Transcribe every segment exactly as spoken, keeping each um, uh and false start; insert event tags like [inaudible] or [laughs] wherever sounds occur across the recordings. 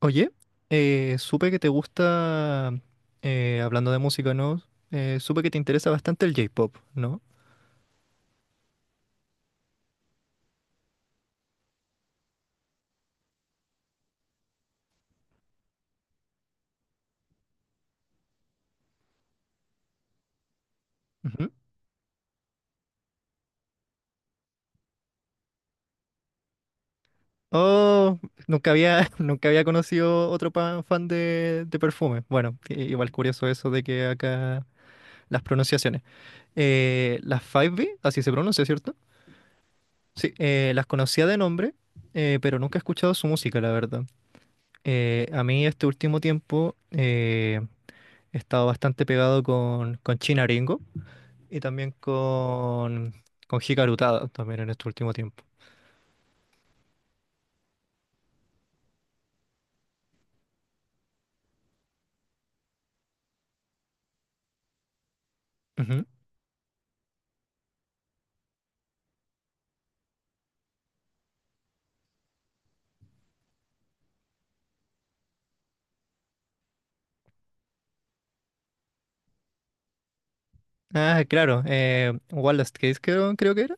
Oye, eh, supe que te gusta, eh, hablando de música, ¿no? Eh, supe que te interesa bastante el J-pop, ¿no? Ujú. Oh, nunca había, [laughs] nunca había conocido otro pa- fan de, de Perfume. Bueno, i- igual curioso eso de que acá las pronunciaciones. Eh, las cinco B, así se pronuncia, ¿cierto? Sí, eh, las conocía de nombre, eh, pero nunca he escuchado su música, la verdad. Eh, a mí este último tiempo eh, he estado bastante pegado con, con China. Y también con, con Hikaru Tada, también en este último tiempo. Ujú. Ah, claro, eh, Wallace Case creo, creo que era.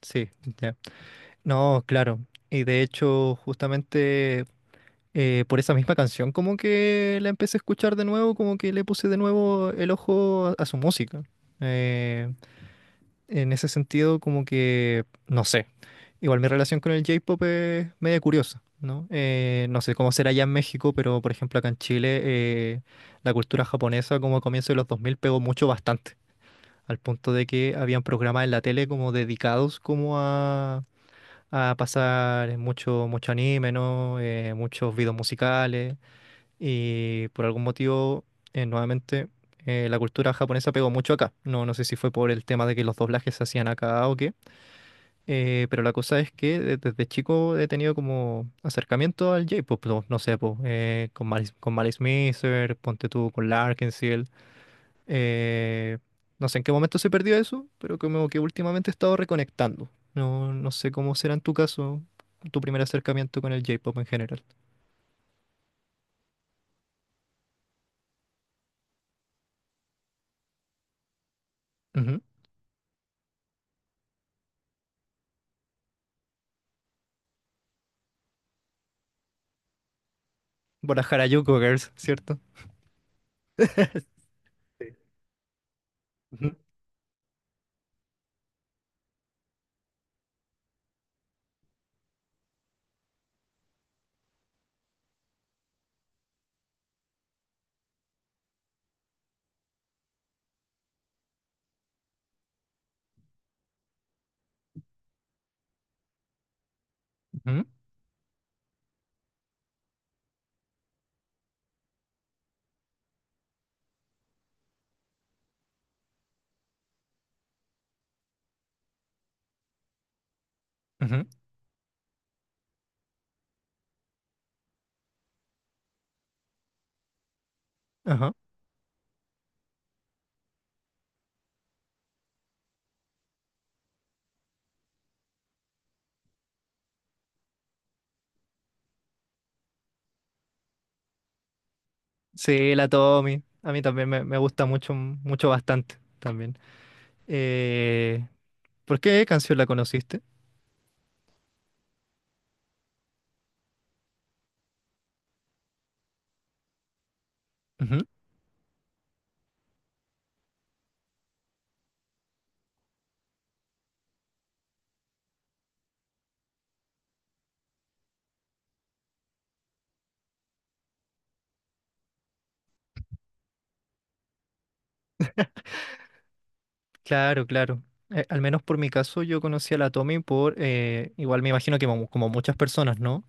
Sí, ya. No, claro. Y de hecho, justamente eh, por esa misma canción, como que la empecé a escuchar de nuevo, como que le puse de nuevo el ojo a, a su música. Eh, En ese sentido, como que, no sé, igual mi relación con el J-pop es media curiosa, ¿no? Eh, no sé cómo será allá en México, pero por ejemplo acá en Chile, eh, la cultura japonesa como a comienzos de los dos mil pegó mucho bastante, al punto de que habían programas en la tele como dedicados como a, a pasar mucho, mucho anime, ¿no? Eh, muchos videos musicales. Y por algún motivo, eh, nuevamente, eh, la cultura japonesa pegó mucho acá. No, no sé si fue por el tema de que los doblajes se hacían acá o qué. Eh, pero la cosa es que de- desde chico he tenido como acercamiento al J-pop. No, no sé, po, eh, con Malice, con Malice Mizer, ponte tú con Larkinsill. eh, no sé en qué momento se perdió eso, pero como que últimamente he estado reconectando. No, no sé cómo será en tu caso tu primer acercamiento con el J-pop en general. Ujú. Por la Harajuku Girls, ¿cierto? [laughs] Ujú, ujú, ajá. Sí, la Tommy. A mí también me, me gusta mucho, mucho bastante también. Eh, ¿Por qué canción la conociste? Ujú. Claro, claro. Eh, al menos por mi caso, yo conocí a la Tommy por, eh, igual me imagino que como, como muchas personas, ¿no?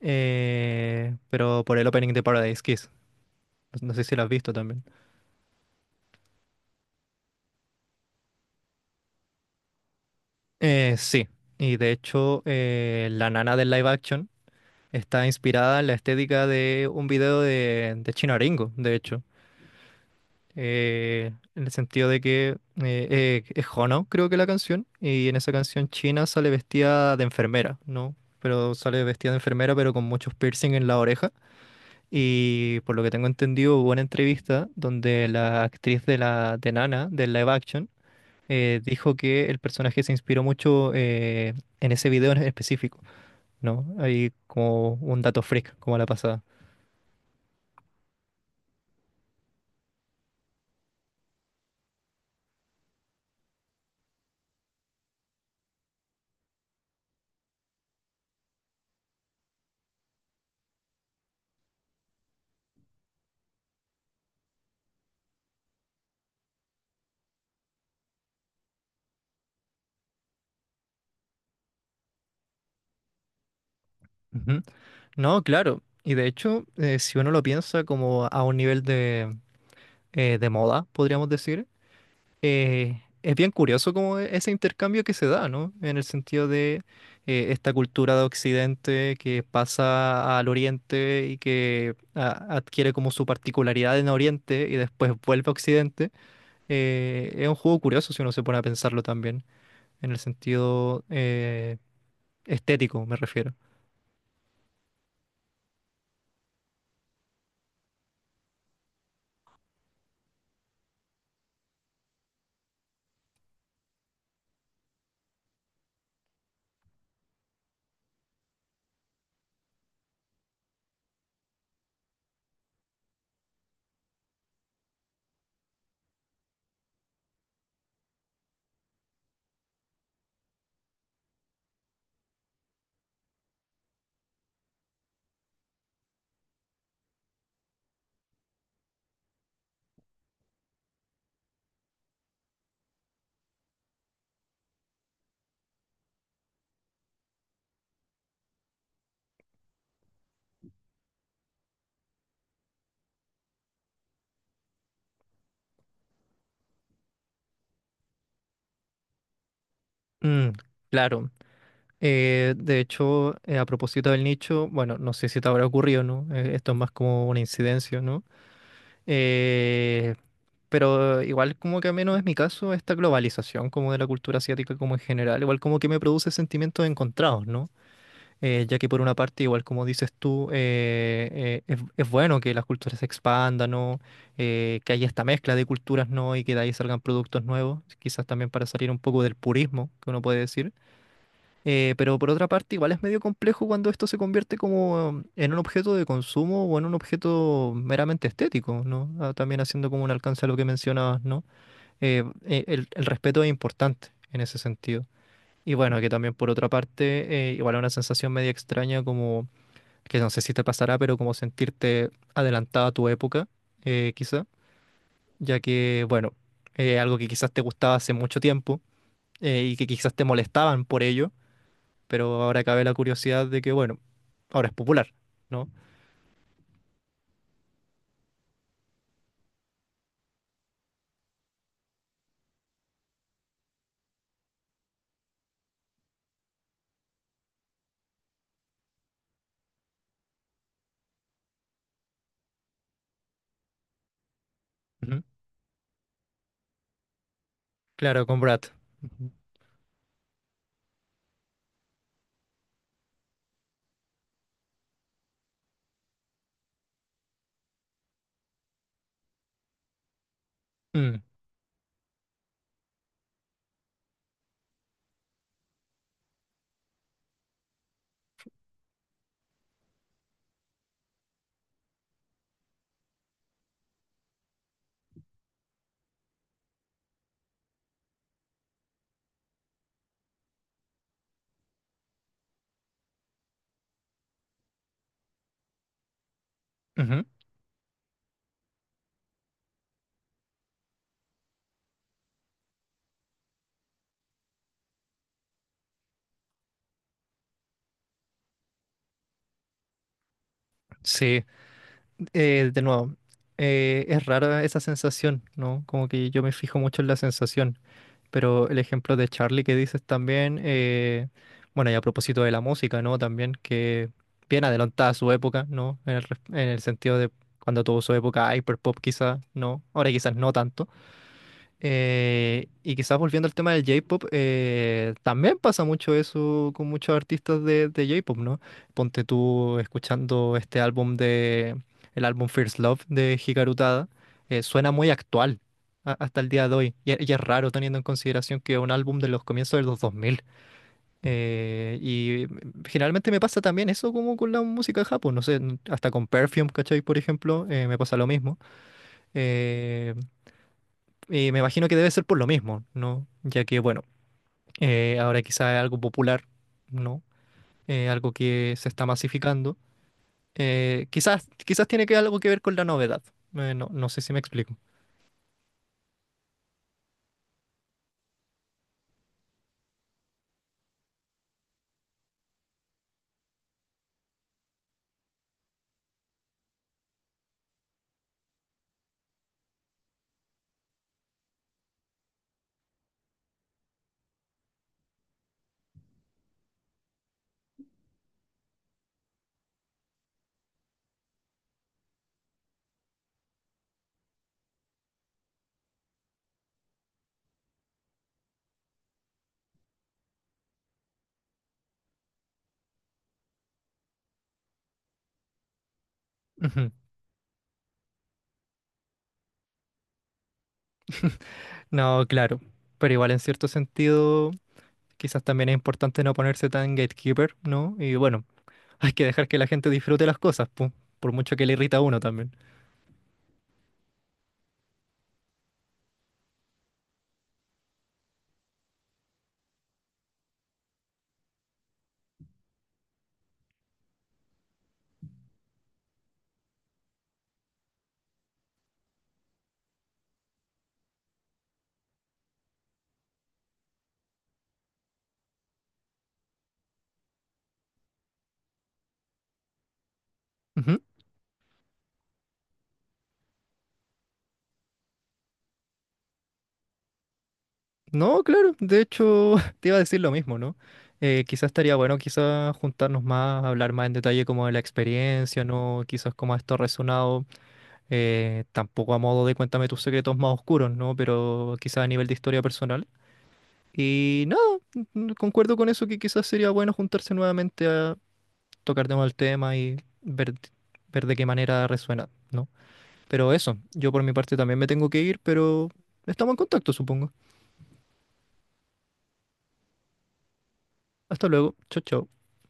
Eh, pero por el opening de Paradise Kiss. No, no sé si lo has visto también. Eh, sí, y de hecho, eh, la nana del live action está inspirada en la estética de un video de, de Chino Aringo, de hecho. Eh, en el sentido de que eh, eh, es Hono, creo que la canción, y en esa canción China sale vestida de enfermera, ¿no? Pero sale vestida de enfermera, pero con muchos piercing en la oreja. Y por lo que tengo entendido, hubo una entrevista donde la actriz de la de Nana, del live action, eh, dijo que el personaje se inspiró mucho eh, en ese video en específico, ¿no? Hay como un dato freak, como la pasada. Ujú. No, claro. Y de hecho, eh, si uno lo piensa como a un nivel de, eh, de moda, podríamos decir. Eh, es bien curioso como e- ese intercambio que se da, ¿no? En el sentido de eh, esta cultura de Occidente que pasa al Oriente y que a- adquiere como su particularidad en Oriente y después vuelve a Occidente. Eh, es un juego curioso si uno se pone a pensarlo también, en el sentido eh, estético, me refiero. Mm, claro. Eh, de hecho, eh, a propósito del nicho, bueno, no sé si te habrá ocurrido, ¿no? Eh, esto es más como una incidencia, ¿no? Eh, pero igual como que al menos es mi caso, esta globalización como de la cultura asiática como en general, igual como que me produce sentimientos encontrados, ¿no? Eh, ya que por una parte, igual como dices tú, eh, eh, es, es bueno que las culturas se expandan, ¿no? Eh, que haya esta mezcla de culturas, ¿no? Y que de ahí salgan productos nuevos, quizás también para salir un poco del purismo, que uno puede decir. Eh, pero por otra parte, igual es medio complejo cuando esto se convierte como en un objeto de consumo o en un objeto meramente estético, ¿no? Ah, también haciendo como un alcance a lo que mencionabas, ¿no? Eh, eh, el, el respeto es importante en ese sentido. Y bueno, que también por otra parte, eh, igual es una sensación media extraña como, que no sé si te pasará, pero como sentirte adelantada a tu época, eh, quizá, ya que, bueno, eh, algo que quizás te gustaba hace mucho tiempo eh, y que quizás te molestaban por ello pero ahora cabe la curiosidad de que, bueno, ahora es popular, ¿no? Ujú. Claro, con Brad. Ujú. Mm, ujú. Sí, Eh, de nuevo, eh, es rara esa sensación, ¿no? Como que yo me fijo mucho en la sensación, pero el ejemplo de Charlie que dices también, eh, bueno, y a propósito de la música, ¿no? También que bien adelantada a su época, ¿no? En el, res- en el sentido de cuando tuvo su época hyperpop quizás, ¿no? Ahora quizás no tanto. Eh, y quizás volviendo al tema del J-pop, eh, también pasa mucho eso con muchos artistas de, de J-pop, ¿no? Ponte tú escuchando este álbum de, el álbum First Love de Hikaru Tada, eh, suena muy actual a- hasta el día de hoy. Y, es y es raro teniendo en consideración que es un álbum de los comienzos de los dos mil. Eh, y mm, generalmente me pasa también eso como con la música de Japón, no sé, n- hasta con Perfume, ¿cachai? Por ejemplo, eh, me pasa lo mismo. eh, eh, Me imagino que debe ser por lo mismo, ¿no? Ya que, bueno, eh, ahora quizás es algo popular, ¿no? Eh, algo que se está masificando. Eh, quizás, quizás tiene que algo que ver con la novedad. Eh, no, no sé si me explico. Ujú. No, claro. Pero igual en cierto sentido, quizás también es importante no ponerse tan gatekeeper, ¿no? Y bueno, [laughs] hay que dejar que la gente disfrute las cosas, pu, por mucho que le irrita a uno también. No, claro, de hecho [laughs] te iba a decir lo mismo, ¿no? Eh, quizás estaría bueno quizás juntarnos más, hablar más en detalle como de la experiencia, ¿no? Quizás como esto ha resonado, eh, tampoco a modo de cuéntame tus secretos más oscuros, ¿no? Pero quizás a nivel de historia personal. Y nada, n- concuerdo con eso que quizás sería bueno juntarse nuevamente a tocar de nuevo el tema y ver, ver de qué manera resuena, ¿no? Pero eso, yo por mi parte también me tengo que ir, pero estamos en contacto, supongo. Hasta luego, chao, chao.